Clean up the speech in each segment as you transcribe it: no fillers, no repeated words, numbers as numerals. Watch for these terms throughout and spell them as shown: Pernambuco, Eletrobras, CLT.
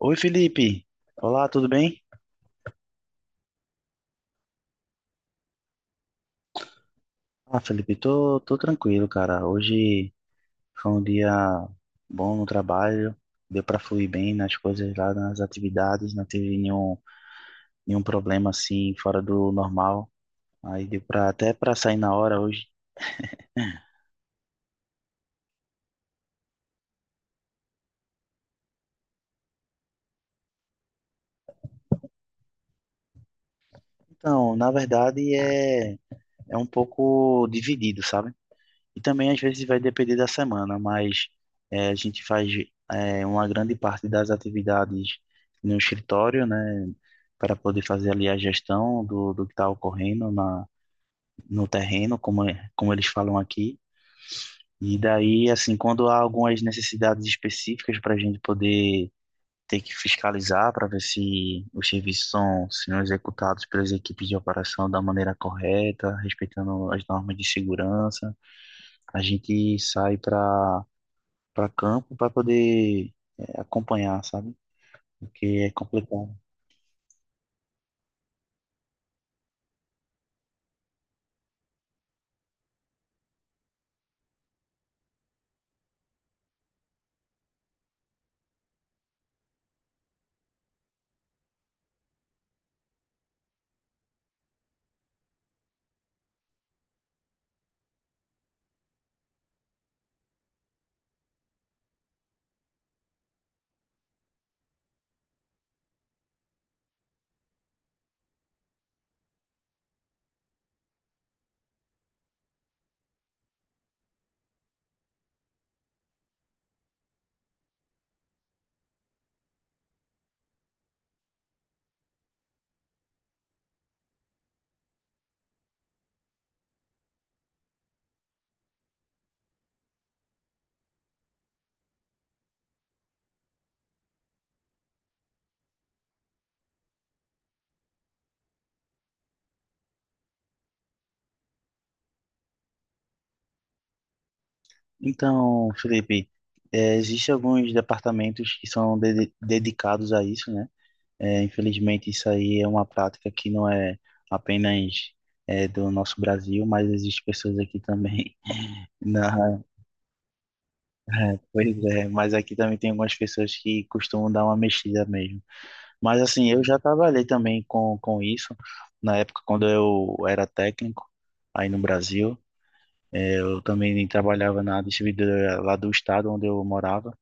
Oi, Felipe. Olá, tudo bem? Ah, Felipe, tô tranquilo, cara. Hoje foi um dia bom no trabalho, deu pra fluir bem nas coisas lá, nas atividades, não teve nenhum problema assim fora do normal. Aí deu pra, até pra sair na hora hoje. Então, na verdade, é um pouco dividido, sabe? E também às vezes vai depender da semana, mas a gente faz uma grande parte das atividades no escritório, né, para poder fazer ali a gestão do que está ocorrendo no terreno, como, como eles falam aqui. E daí, assim, quando há algumas necessidades específicas para a gente poder ter que fiscalizar para ver se os serviços são executados pelas equipes de operação da maneira correta, respeitando as normas de segurança, a gente sai para campo para poder acompanhar, sabe? Porque é complicado. Então, Felipe, é, existe alguns departamentos que são dedicados a isso, né? É, infelizmente, isso aí é uma prática que não é apenas é, do nosso Brasil, mas existe pessoas aqui também. Na, é, pois é, mas aqui também tem algumas pessoas que costumam dar uma mexida mesmo. Mas assim, eu já trabalhei também com isso, na época quando eu era técnico aí no Brasil. É, eu também trabalhava na distribuidora lá do estado onde eu morava.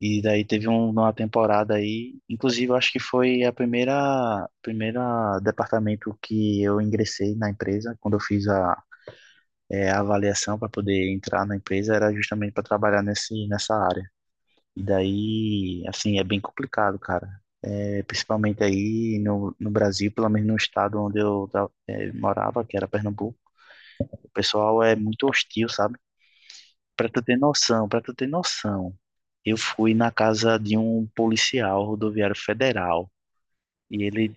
E daí teve uma temporada aí, inclusive eu acho que foi a primeira departamento que eu ingressei na empresa, quando eu fiz a, é, a avaliação para poder entrar na empresa, era justamente para trabalhar nesse nessa área. E daí, assim, é bem complicado, cara. É, principalmente aí no Brasil, pelo menos no estado onde eu é, morava, que era Pernambuco, o pessoal é muito hostil, sabe? Para tu ter noção, eu fui na casa de um policial rodoviário federal e ele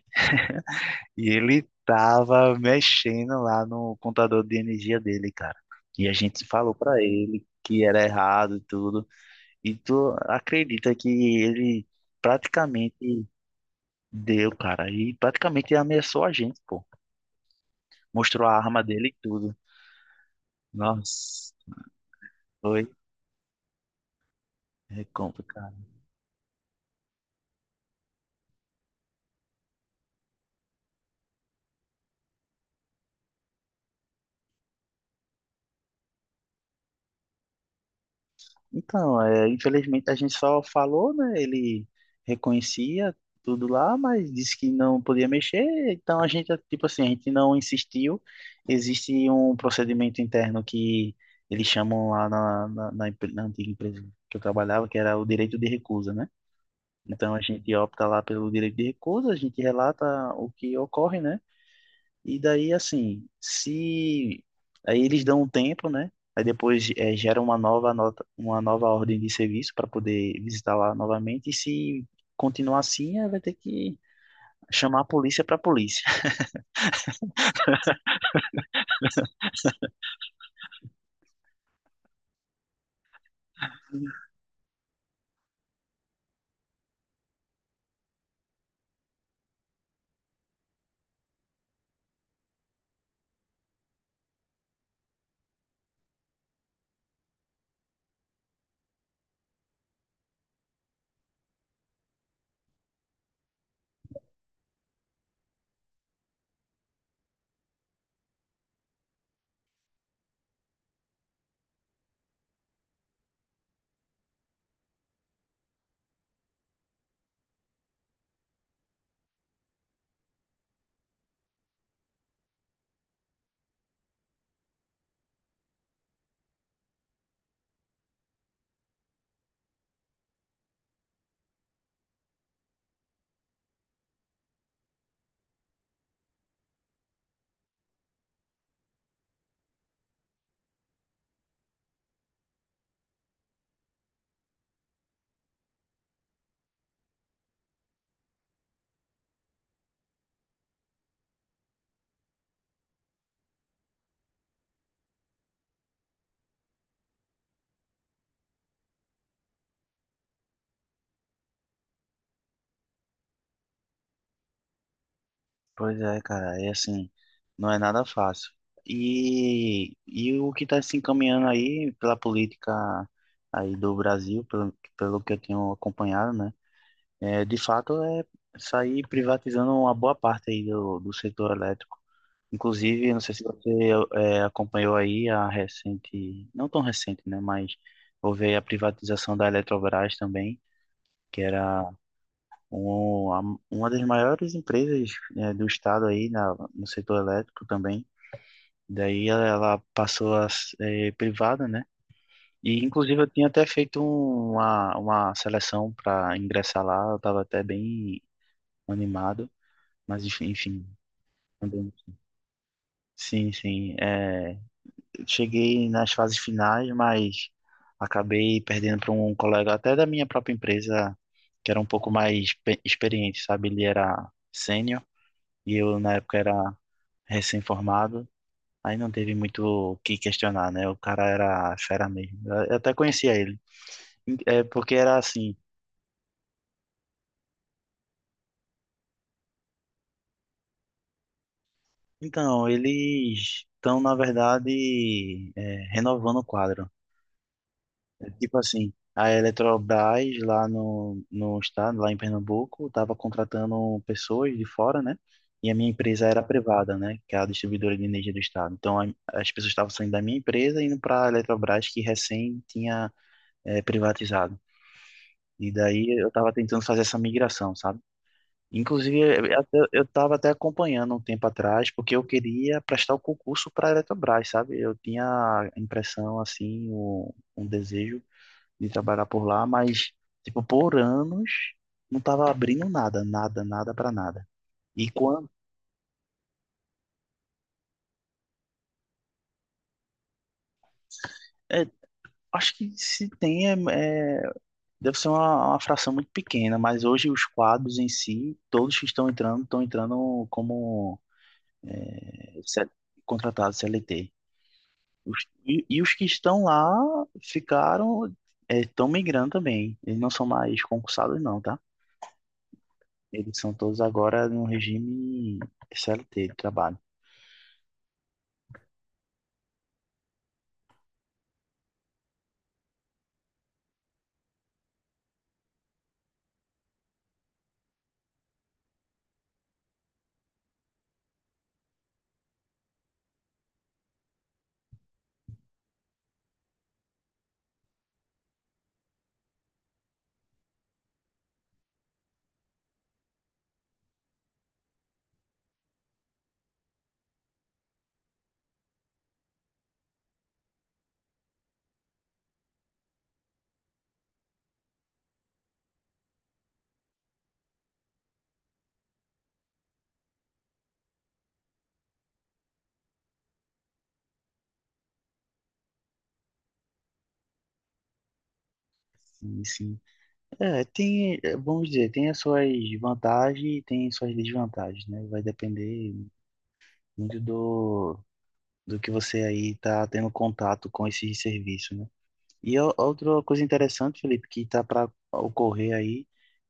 e ele tava mexendo lá no contador de energia dele, cara. E a gente falou para ele que era errado e tudo. E tu acredita que ele praticamente deu, cara, e praticamente ameaçou a gente, pô. Mostrou a arma dele e tudo. Nossa, foi é complicado. Então, é, infelizmente a gente só falou, né? Ele reconhecia tudo lá, mas disse que não podia mexer. Então a gente, tipo assim, a gente não insistiu. Existe um procedimento interno que eles chamam lá na na antiga empresa que eu trabalhava, que era o direito de recusa, né? Então a gente opta lá pelo direito de recusa, a gente relata o que ocorre, né? E daí, assim, se. Aí eles dão um tempo, né? Aí depois gera uma nova nota, uma nova ordem de serviço para poder visitar lá novamente. E se continuar assim, aí vai ter que chamar a polícia para a polícia. Pois é, cara, é assim, não é nada fácil. E o que está se encaminhando aí pela política aí do Brasil, pelo que eu tenho acompanhado, né? É, de fato, é sair privatizando uma boa parte aí do setor elétrico. Inclusive, eu não sei se você acompanhou aí a recente, não tão recente, né? Mas houve aí a privatização da Eletrobras também, que era um, a- uma das maiores empresas do estado aí no setor elétrico também. Daí ela, ela passou a ser privada, né? E inclusive eu tinha até feito uma seleção para ingressar lá, eu estava até bem animado, mas enfim, também- sim, sim. é, cheguei nas fases finais, mas acabei perdendo para um colega até da minha própria empresa, que era um pouco mais experiente, sabe? Ele era sênior e eu na época era recém-formado. Aí não teve muito o que questionar, né? O cara era fera mesmo. Eu até conhecia ele. É porque era assim. Então, eles estão, na verdade, é, renovando o quadro. Tipo assim, a Eletrobras lá no estado, lá em Pernambuco, estava contratando pessoas de fora, né? E a minha empresa era privada, né? Que é a distribuidora de energia do estado. Então as pessoas estavam saindo da minha empresa e indo para a Eletrobras, que recém tinha privatizado. E daí eu estava tentando fazer essa migração, sabe? Inclusive, eu estava até acompanhando um tempo atrás, porque eu queria prestar o concurso para a Eletrobras, sabe? Eu tinha a impressão, assim, um desejo de trabalhar por lá, mas, tipo, por anos não tava abrindo nada, nada, nada para nada. E quando. É, acho que se tem, é, deve ser uma fração muito pequena, mas hoje os quadros em si, todos que estão entrando como é, C- contratados CLT. E os que estão lá ficaram, é, estão migrando também. Eles não são mais concursados, não, tá? Eles são todos agora no regime CLT de trabalho. Sim, sim. É, tem, é, vamos dizer, tem as suas vantagens e tem suas desvantagens, né? Vai depender muito do que você aí tá tendo contato com esse serviço, né? E outra coisa interessante, Felipe, que tá para ocorrer aí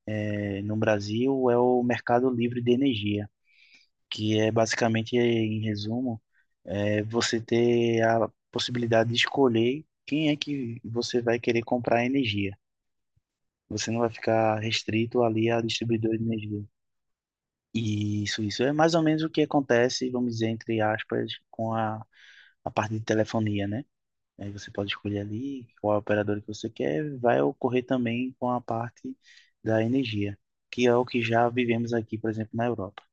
é, no Brasil é o mercado livre de energia, que é basicamente, em resumo, é você ter a possibilidade de escolher quem é que você vai querer comprar energia. Você não vai ficar restrito ali a distribuidor de energia. Isso, isso. É mais ou menos o que acontece, vamos dizer, entre aspas, a parte de telefonia, né? Aí você pode escolher ali qual operador que você quer. Vai ocorrer também com a parte da energia, que é o que já vivemos aqui, por exemplo, na Europa.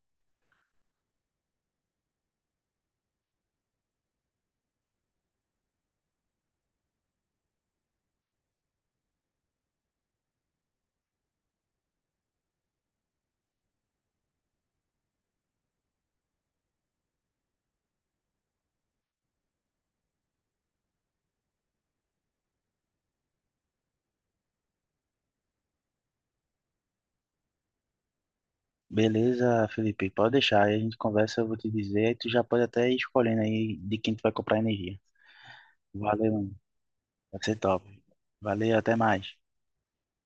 Beleza, Felipe? Pode deixar. Aí a gente conversa, eu vou te dizer. Aí tu já pode até ir escolhendo aí de quem tu vai comprar energia. Valeu, mano. Vai ser top. Valeu, até mais.